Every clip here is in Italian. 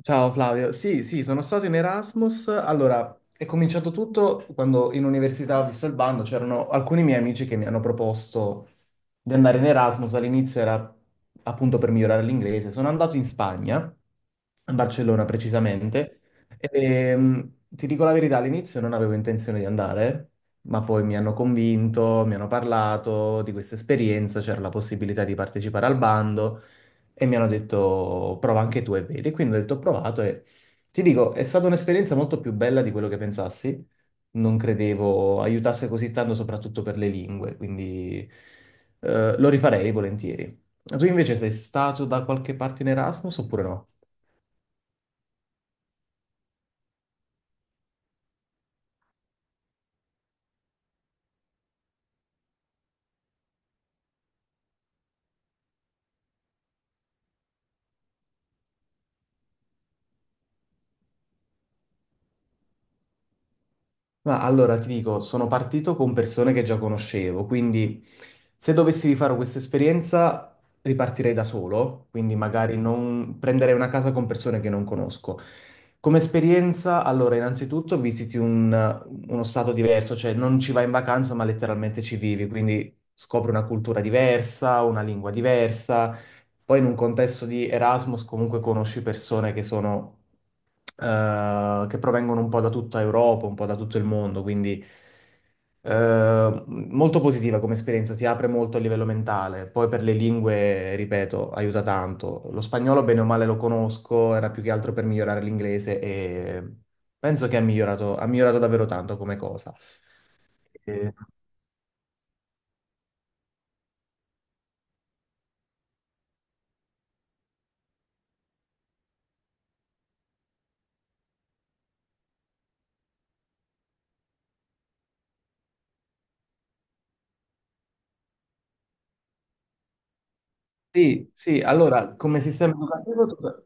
Ciao Flavio, sì, sì, sono stato in Erasmus. Allora, è cominciato tutto quando in università, ho visto il bando, c'erano alcuni miei amici che mi hanno proposto di andare in Erasmus. All'inizio era appunto per migliorare l'inglese. Sono andato in Spagna, a Barcellona precisamente, e ti dico la verità, all'inizio non avevo intenzione di andare, ma poi mi hanno convinto, mi hanno parlato di questa esperienza, c'era la possibilità di partecipare al bando e mi hanno detto prova anche tu e vedi. Quindi ho detto ho provato e ti dico, è stata un'esperienza molto più bella di quello che pensassi. Non credevo aiutasse così tanto, soprattutto per le lingue, quindi lo rifarei volentieri. Tu invece sei stato da qualche parte in Erasmus oppure no? Ma allora ti dico, sono partito con persone che già conoscevo, quindi se dovessi rifare questa esperienza ripartirei da solo, quindi magari non prenderei una casa con persone che non conosco. Come esperienza, allora innanzitutto visiti uno stato diverso, cioè non ci vai in vacanza ma letteralmente ci vivi, quindi scopri una cultura diversa, una lingua diversa, poi in un contesto di Erasmus comunque conosci persone che sono che provengono un po' da tutta Europa, un po' da tutto il mondo, quindi molto positiva come esperienza, si apre molto a livello mentale. Poi per le lingue, ripeto, aiuta tanto. Lo spagnolo, bene o male, lo conosco, era più che altro per migliorare l'inglese e penso che ha migliorato davvero tanto come cosa. Sì, sì, allora, come sistema educativo,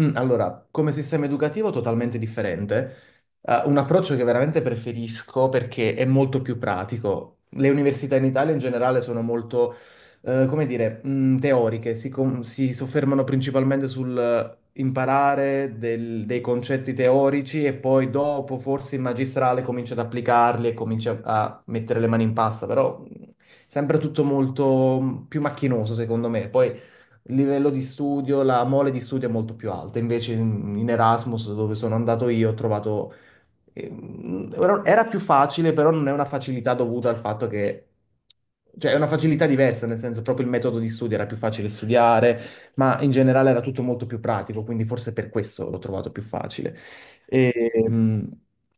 Allora, come sistema educativo totalmente differente. Un approccio che veramente preferisco perché è molto più pratico. Le università in Italia in generale sono molto, teoriche, si, si soffermano principalmente sul imparare dei concetti teorici e poi dopo forse in magistrale cominci ad applicarli e cominci a mettere le mani in pasta, però sempre tutto molto più macchinoso, secondo me. Poi il livello di studio, la mole di studio è molto più alta. Invece in Erasmus, dove sono andato io, ho trovato, era più facile, però non è una facilità dovuta al fatto che... Cioè, è una facilità diversa, nel senso, proprio il metodo di studio era più facile studiare, ma in generale era tutto molto più pratico, quindi forse per questo l'ho trovato più facile. E, mm,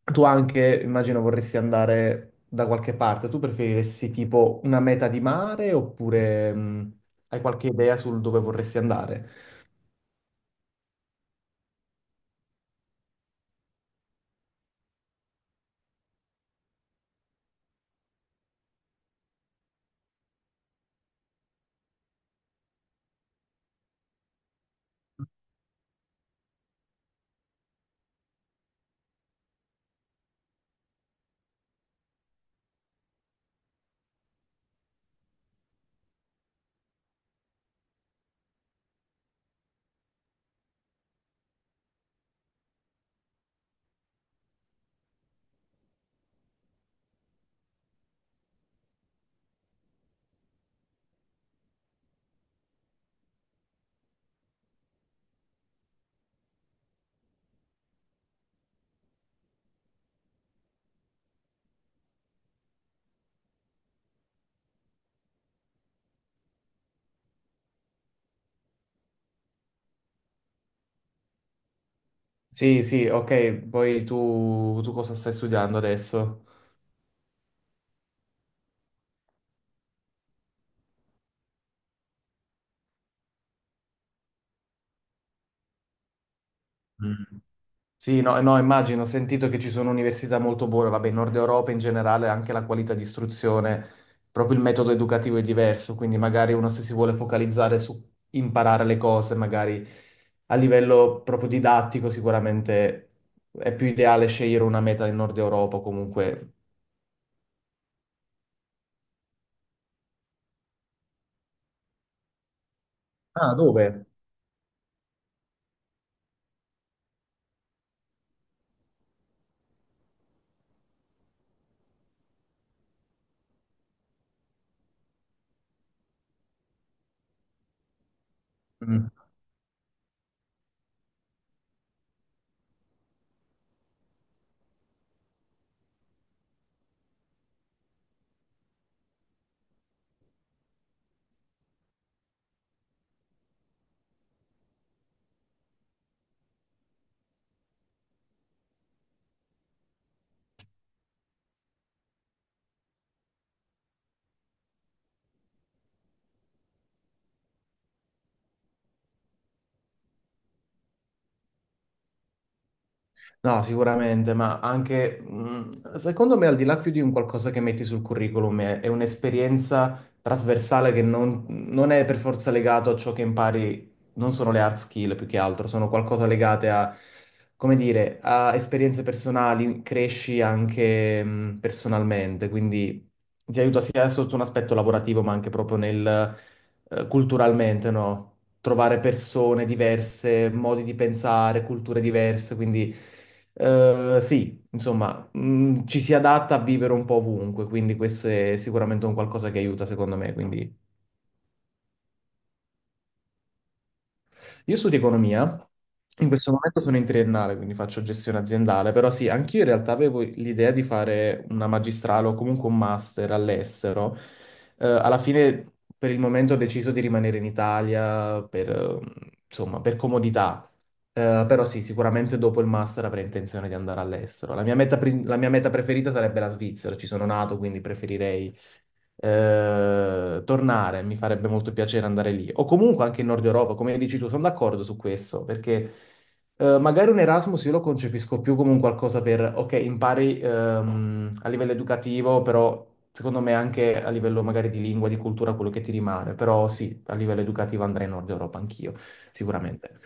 tu anche, immagino, vorresti andare da qualche parte. Tu preferiresti tipo una meta di mare oppure hai qualche idea sul dove vorresti andare? Sì, sì, ok. Poi tu cosa stai studiando adesso? Sì, no, no, immagino, ho sentito che ci sono università molto buone, vabbè, in Nord Europa in generale anche la qualità di istruzione, proprio il metodo educativo è diverso, quindi magari uno se si vuole focalizzare su imparare le cose, magari a livello proprio didattico sicuramente è più ideale scegliere una meta in Nord Europa o comunque. Ah, dove? Mm. No, sicuramente, ma anche secondo me, al di là più di un qualcosa che metti sul curriculum, è un'esperienza trasversale che non è per forza legato a ciò che impari, non sono le hard skill più che altro, sono qualcosa legate a, come dire, a esperienze personali, cresci anche personalmente, quindi ti aiuta sia sotto un aspetto lavorativo, ma anche proprio nel culturalmente, no? Trovare persone diverse, modi di pensare, culture diverse, quindi sì, insomma, ci si adatta a vivere un po' ovunque, quindi questo è sicuramente un qualcosa che aiuta secondo me, quindi Io studio economia, in questo momento sono in triennale, quindi faccio gestione aziendale, però sì, anch'io in realtà avevo l'idea di fare una magistrale o comunque un master all'estero. Alla fine, per il momento, ho deciso di rimanere in Italia per, insomma, per comodità. Però sì, sicuramente dopo il master avrei intenzione di andare all'estero. La mia meta, la mia meta preferita sarebbe la Svizzera, ci sono nato, quindi preferirei tornare, mi farebbe molto piacere andare lì. O comunque anche in Nord Europa, come dici tu, sono d'accordo su questo, perché magari un Erasmus io lo concepisco più come un qualcosa per, ok, impari a livello educativo, però secondo me anche a livello magari di lingua, di cultura, quello che ti rimane. Però sì, a livello educativo andrei in Nord Europa anch'io, sicuramente.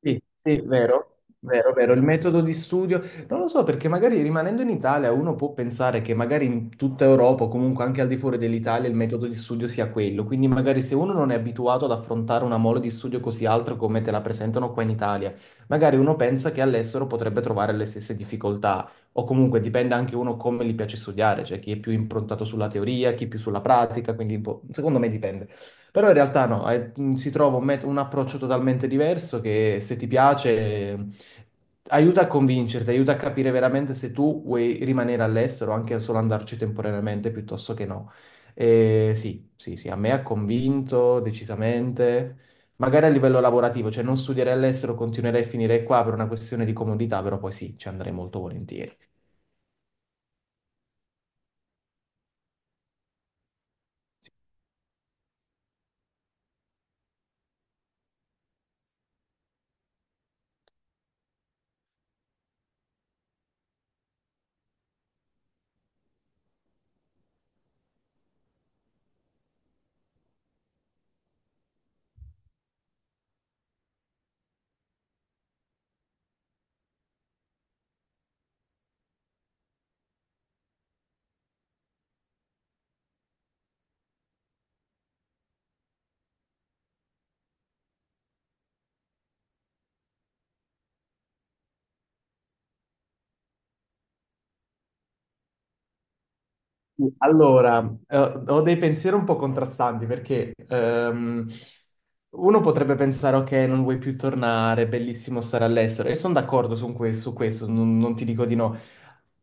Sì, sì, vero, vero, vero. Il metodo di studio, non lo so, perché magari rimanendo in Italia uno può pensare che magari in tutta Europa o comunque anche al di fuori dell'Italia il metodo di studio sia quello. Quindi magari se uno non è abituato ad affrontare una mole di studio così alta come te la presentano qua in Italia, magari uno pensa che all'estero potrebbe trovare le stesse difficoltà. O comunque dipende anche uno come gli piace studiare, cioè chi è più improntato sulla teoria, chi più sulla pratica, quindi secondo me dipende. Però in realtà no, si trova un approccio totalmente diverso che se ti piace eh, aiuta a convincerti, aiuta a capire veramente se tu vuoi rimanere all'estero, o anche solo andarci temporaneamente piuttosto che no. E sì, sì, sì, a me ha convinto decisamente, magari a livello lavorativo, cioè non studierei all'estero, continuerei a finire qua per una questione di comodità, però poi sì, ci andrei molto volentieri. Allora, ho dei pensieri un po' contrastanti perché uno potrebbe pensare, ok, non vuoi più tornare, è bellissimo stare all'estero, e sono d'accordo su su questo, non ti dico di no.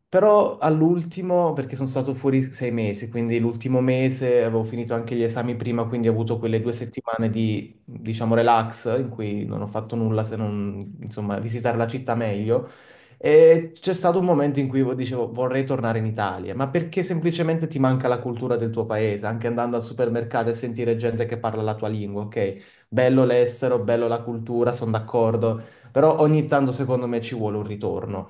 Però all'ultimo, perché sono stato fuori 6 mesi, quindi l'ultimo mese avevo finito anche gli esami prima, quindi ho avuto quelle 2 settimane di, diciamo, relax in cui non ho fatto nulla se non, insomma, visitare la città meglio. E c'è stato un momento in cui dicevo vorrei tornare in Italia, ma perché semplicemente ti manca la cultura del tuo paese, anche andando al supermercato e sentire gente che parla la tua lingua, ok? Bello l'estero, bello la cultura, sono d'accordo, però ogni tanto secondo me ci vuole un ritorno,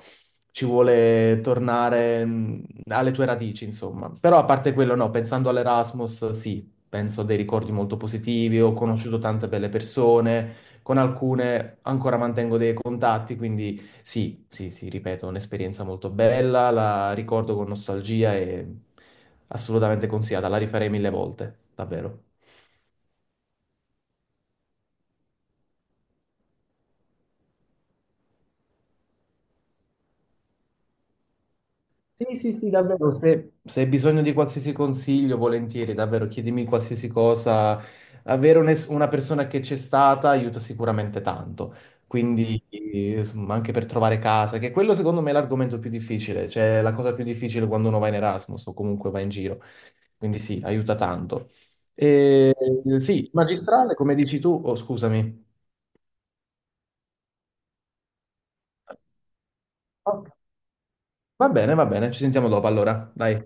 ci vuole tornare alle tue radici, insomma. Però a parte quello, no, pensando all'Erasmus, sì, penso a dei ricordi molto positivi, ho conosciuto tante belle persone, con alcune ancora mantengo dei contatti, quindi... Sì, sì, sì, ripeto, un'esperienza molto bella, la ricordo con nostalgia e assolutamente consigliata, la rifarei mille volte, davvero. Sì, sì, sì, davvero, se hai bisogno di qualsiasi consiglio, volentieri, davvero, chiedimi qualsiasi cosa. Avere un una persona che c'è stata aiuta sicuramente tanto. Quindi, insomma, anche per trovare casa, che quello secondo me è l'argomento più difficile, cioè la cosa più difficile quando uno va in Erasmus o comunque va in giro. Quindi sì, aiuta tanto. E, sì, magistrale, come dici tu, oh, scusami. Oh, va bene, ci sentiamo dopo allora, dai.